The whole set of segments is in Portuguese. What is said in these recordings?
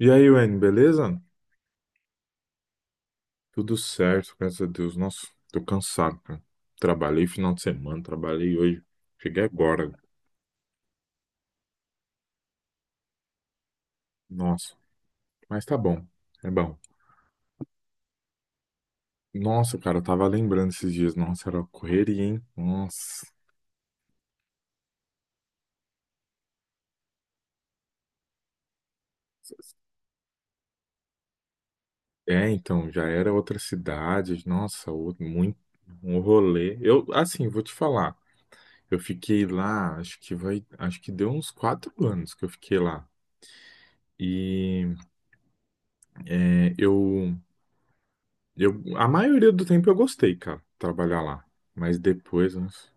E aí, Wayne, beleza? Tudo certo, graças a Deus. Nossa, tô cansado, cara. Trabalhei final de semana, trabalhei hoje. Cheguei agora. Nossa, mas tá bom. É bom. Nossa, cara, eu tava lembrando esses dias. Nossa, era uma correria, hein? Nossa. É, então, já era outra cidade. Nossa, muito um rolê. Eu, assim, vou te falar. Eu fiquei lá, acho que deu uns 4 anos que eu fiquei lá. E é, eu Eu, a maioria do tempo eu gostei, cara, de trabalhar lá. Mas depois, nossa.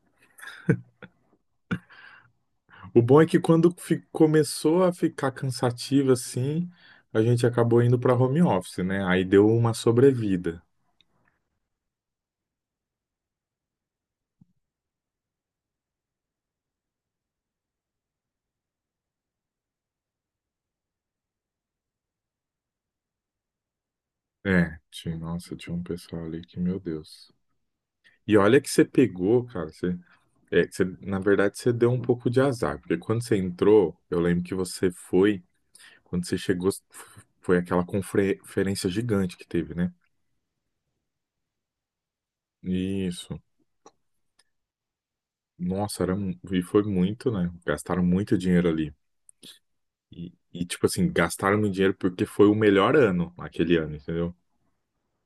O bom é que quando começou a ficar cansativo assim, a gente acabou indo pra home office, né? Aí deu uma sobrevida. É, tinha, nossa, tinha um pessoal ali que, meu Deus. E olha que você pegou, cara. Na verdade, você deu um pouco de azar, porque quando você entrou, eu lembro que quando você chegou, foi aquela conferência gigante que teve, né? Isso. Nossa, e foi muito, né? Gastaram muito dinheiro ali. E, tipo assim, gastaram meu dinheiro porque foi o melhor ano, aquele ano, entendeu?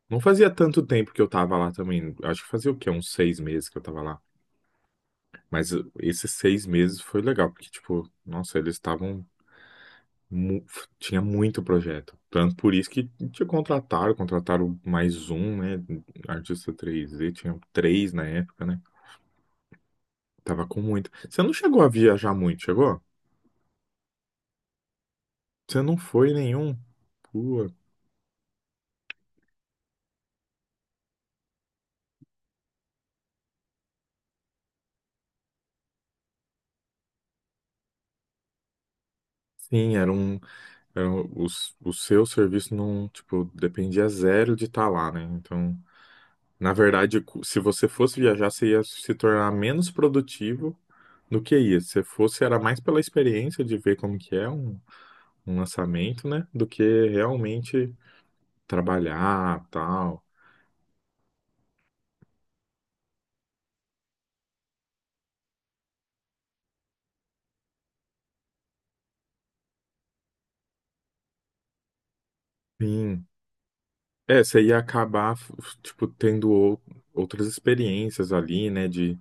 Não fazia tanto tempo que eu tava lá também. Acho que fazia o quê? Uns 6 meses que eu tava lá. Mas esses 6 meses foi legal, porque, tipo, nossa, eles estavam. mu- Tinha muito projeto. Tanto por isso que te contrataram, contrataram mais um, né? Artista três, d tinha três na época, né? Tava com muito. Você não chegou a viajar muito, chegou? Você não foi nenhum? Pua. Sim, era um- o, s- o seu serviço não, tipo, dependia zero de estar lá, né? Então, na verdade, se você fosse viajar, você ia se tornar menos produtivo do que ia. Se você fosse, era mais pela experiência de ver como que é um, lançamento, né? Do que realmente trabalhar, tal. Sim. É, você ia acabar, tipo, tendo outras experiências ali, né, de,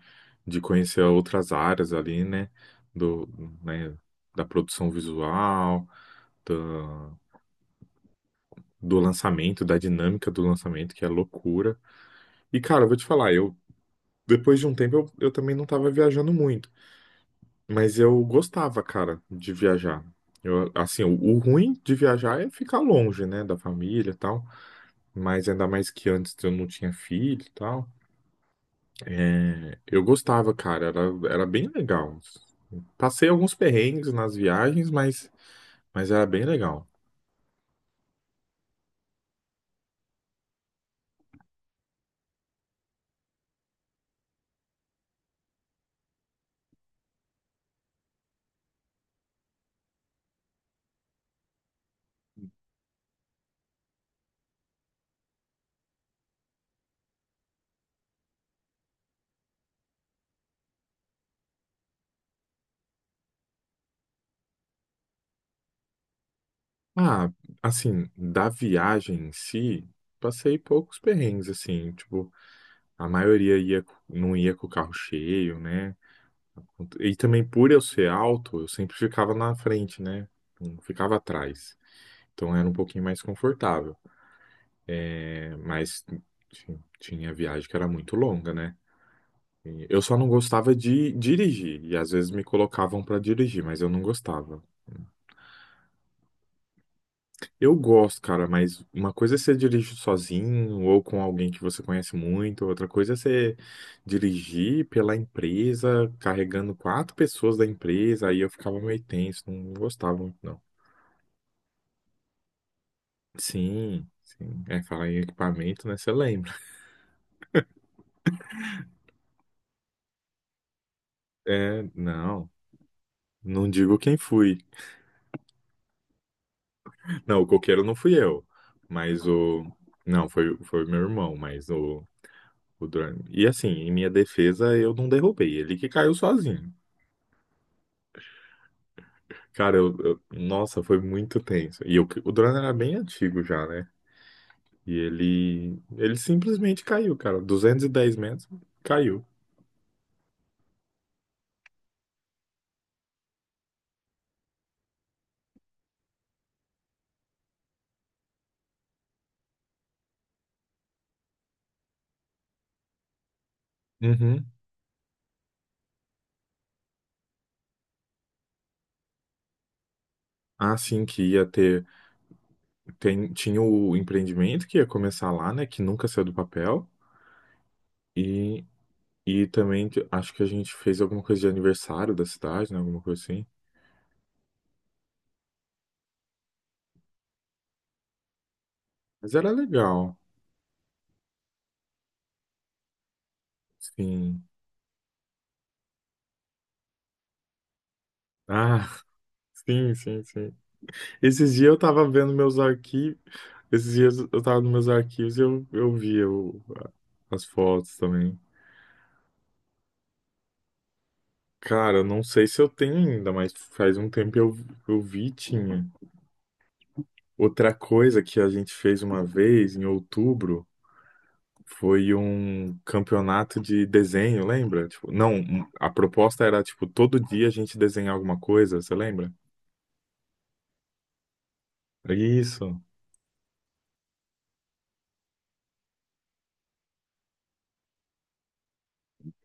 de conhecer outras áreas ali, né, do, né, da produção visual, da- do lançamento, da dinâmica do lançamento, que é loucura. E, cara, eu vou te falar, depois de um tempo, eu também não tava viajando muito, mas eu gostava, cara, de viajar. Eu, assim, o ruim de viajar é ficar longe, né, da família e tal, mas ainda mais que antes eu não tinha filho e tal. Eu gostava, cara, era bem legal. Passei alguns perrengues nas viagens, mas era bem legal. Ah, assim, da viagem em si, passei poucos perrengues, assim, tipo, a maioria ia, não ia com o carro cheio, né? E também por eu ser alto, eu sempre ficava na frente, né? Não ficava atrás. Então era um pouquinho mais confortável, né? Mas enfim, tinha viagem que era muito longa, né? Eu só não gostava de dirigir, e às vezes me colocavam pra dirigir, mas eu não gostava. Eu gosto, cara, mas uma coisa é você dirigir sozinho ou com alguém que você conhece muito, outra coisa é você dirigir pela empresa, carregando quatro pessoas da empresa, aí eu ficava meio tenso, não gostava muito, não. Sim, sim. É, falar em equipamento, né? Você lembra? É, não. Não digo quem fui. Não, o coqueiro não fui eu, mas o. Não, foi o meu irmão, O drone. E assim, em minha defesa, eu não derrubei. Ele que caiu sozinho. Cara, nossa, foi muito tenso. E o drone era bem antigo já, né? E ele simplesmente caiu, cara. 210 metros, caiu. Uhum. Assim que tinha o empreendimento que ia começar lá, né? Que nunca saiu do papel. E, e também acho que a gente fez alguma coisa de aniversário da cidade, né? Alguma coisa assim. Mas era legal. Sim. Ah, sim, sim, sim. Esses dias eu tava vendo meus arquivos. Esses dias eu tava nos meus arquivos e eu vi as fotos também. Cara, não sei se eu tenho ainda, mas faz um tempo eu vi e tinha. Outra coisa que a gente fez uma vez em outubro foi um campeonato de desenho, lembra? Tipo, não, a proposta era tipo todo dia a gente desenhar alguma coisa, você lembra? Isso.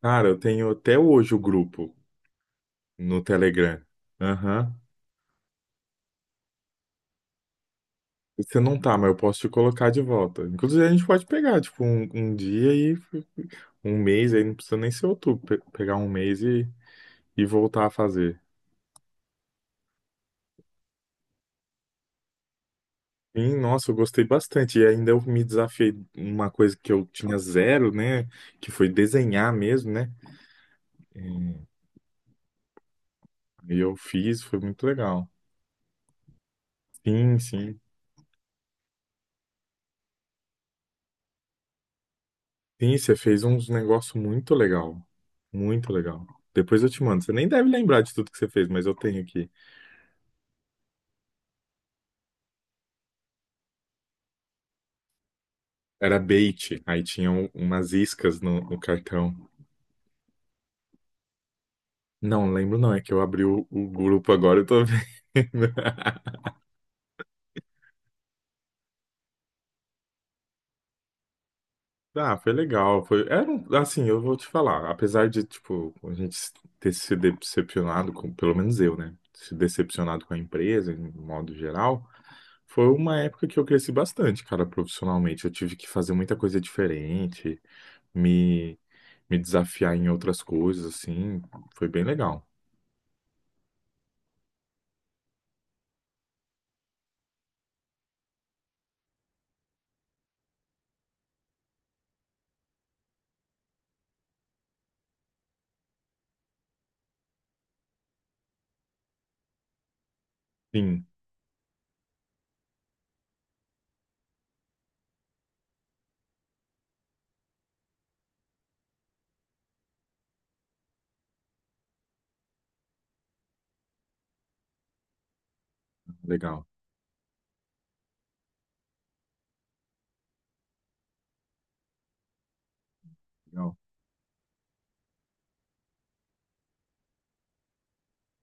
Cara, eu tenho até hoje o grupo no Telegram. Aham. Você não tá, mas eu posso te colocar de volta. Inclusive, a gente pode pegar, tipo, um dia e um mês, aí não precisa nem ser outubro, pegar um mês e voltar a fazer. Sim, nossa, eu gostei bastante. E ainda eu me desafiei uma coisa que eu tinha zero, né? Que foi desenhar mesmo, né? E eu fiz, foi muito legal. Sim, sim. Sim, você fez uns negócios muito legal. Muito legal. Depois eu te mando. Você nem deve lembrar de tudo que você fez, mas eu tenho aqui. Era bait, aí tinham umas iscas no cartão. Não lembro não, é que eu abri o grupo agora, eu tô vendo. Ah, foi legal, foi, era assim, eu vou te falar, apesar de, tipo, a gente ter se decepcionado com, pelo menos eu, né, se decepcionado com a empresa, em modo geral, foi uma época que eu cresci bastante, cara, profissionalmente, eu tive que fazer muita coisa diferente, me, me desafiar em outras coisas, assim, foi bem legal. Sim, legal.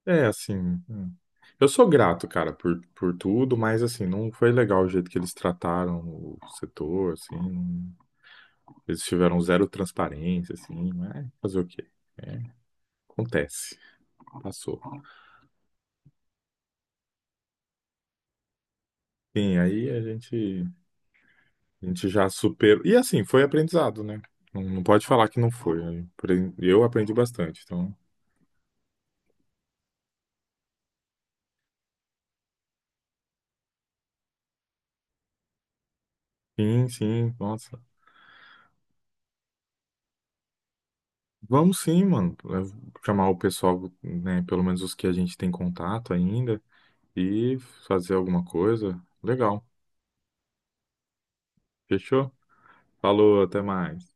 É, assim. É. Eu sou grato, cara, por tudo, mas, assim, não foi legal o jeito que eles trataram o setor, assim. Eles tiveram zero transparência, assim. Mas fazer o quê? É, acontece. Passou. Sim, aí a gente já superou. E, assim, foi aprendizado, né? Não, não pode falar que não foi, né? Eu aprendi bastante, então. Sim, sim, nossa. Vamos sim, mano. Eu vou chamar o pessoal, né? Pelo menos os que a gente tem contato ainda. E fazer alguma coisa. Legal. Fechou? Falou, até mais.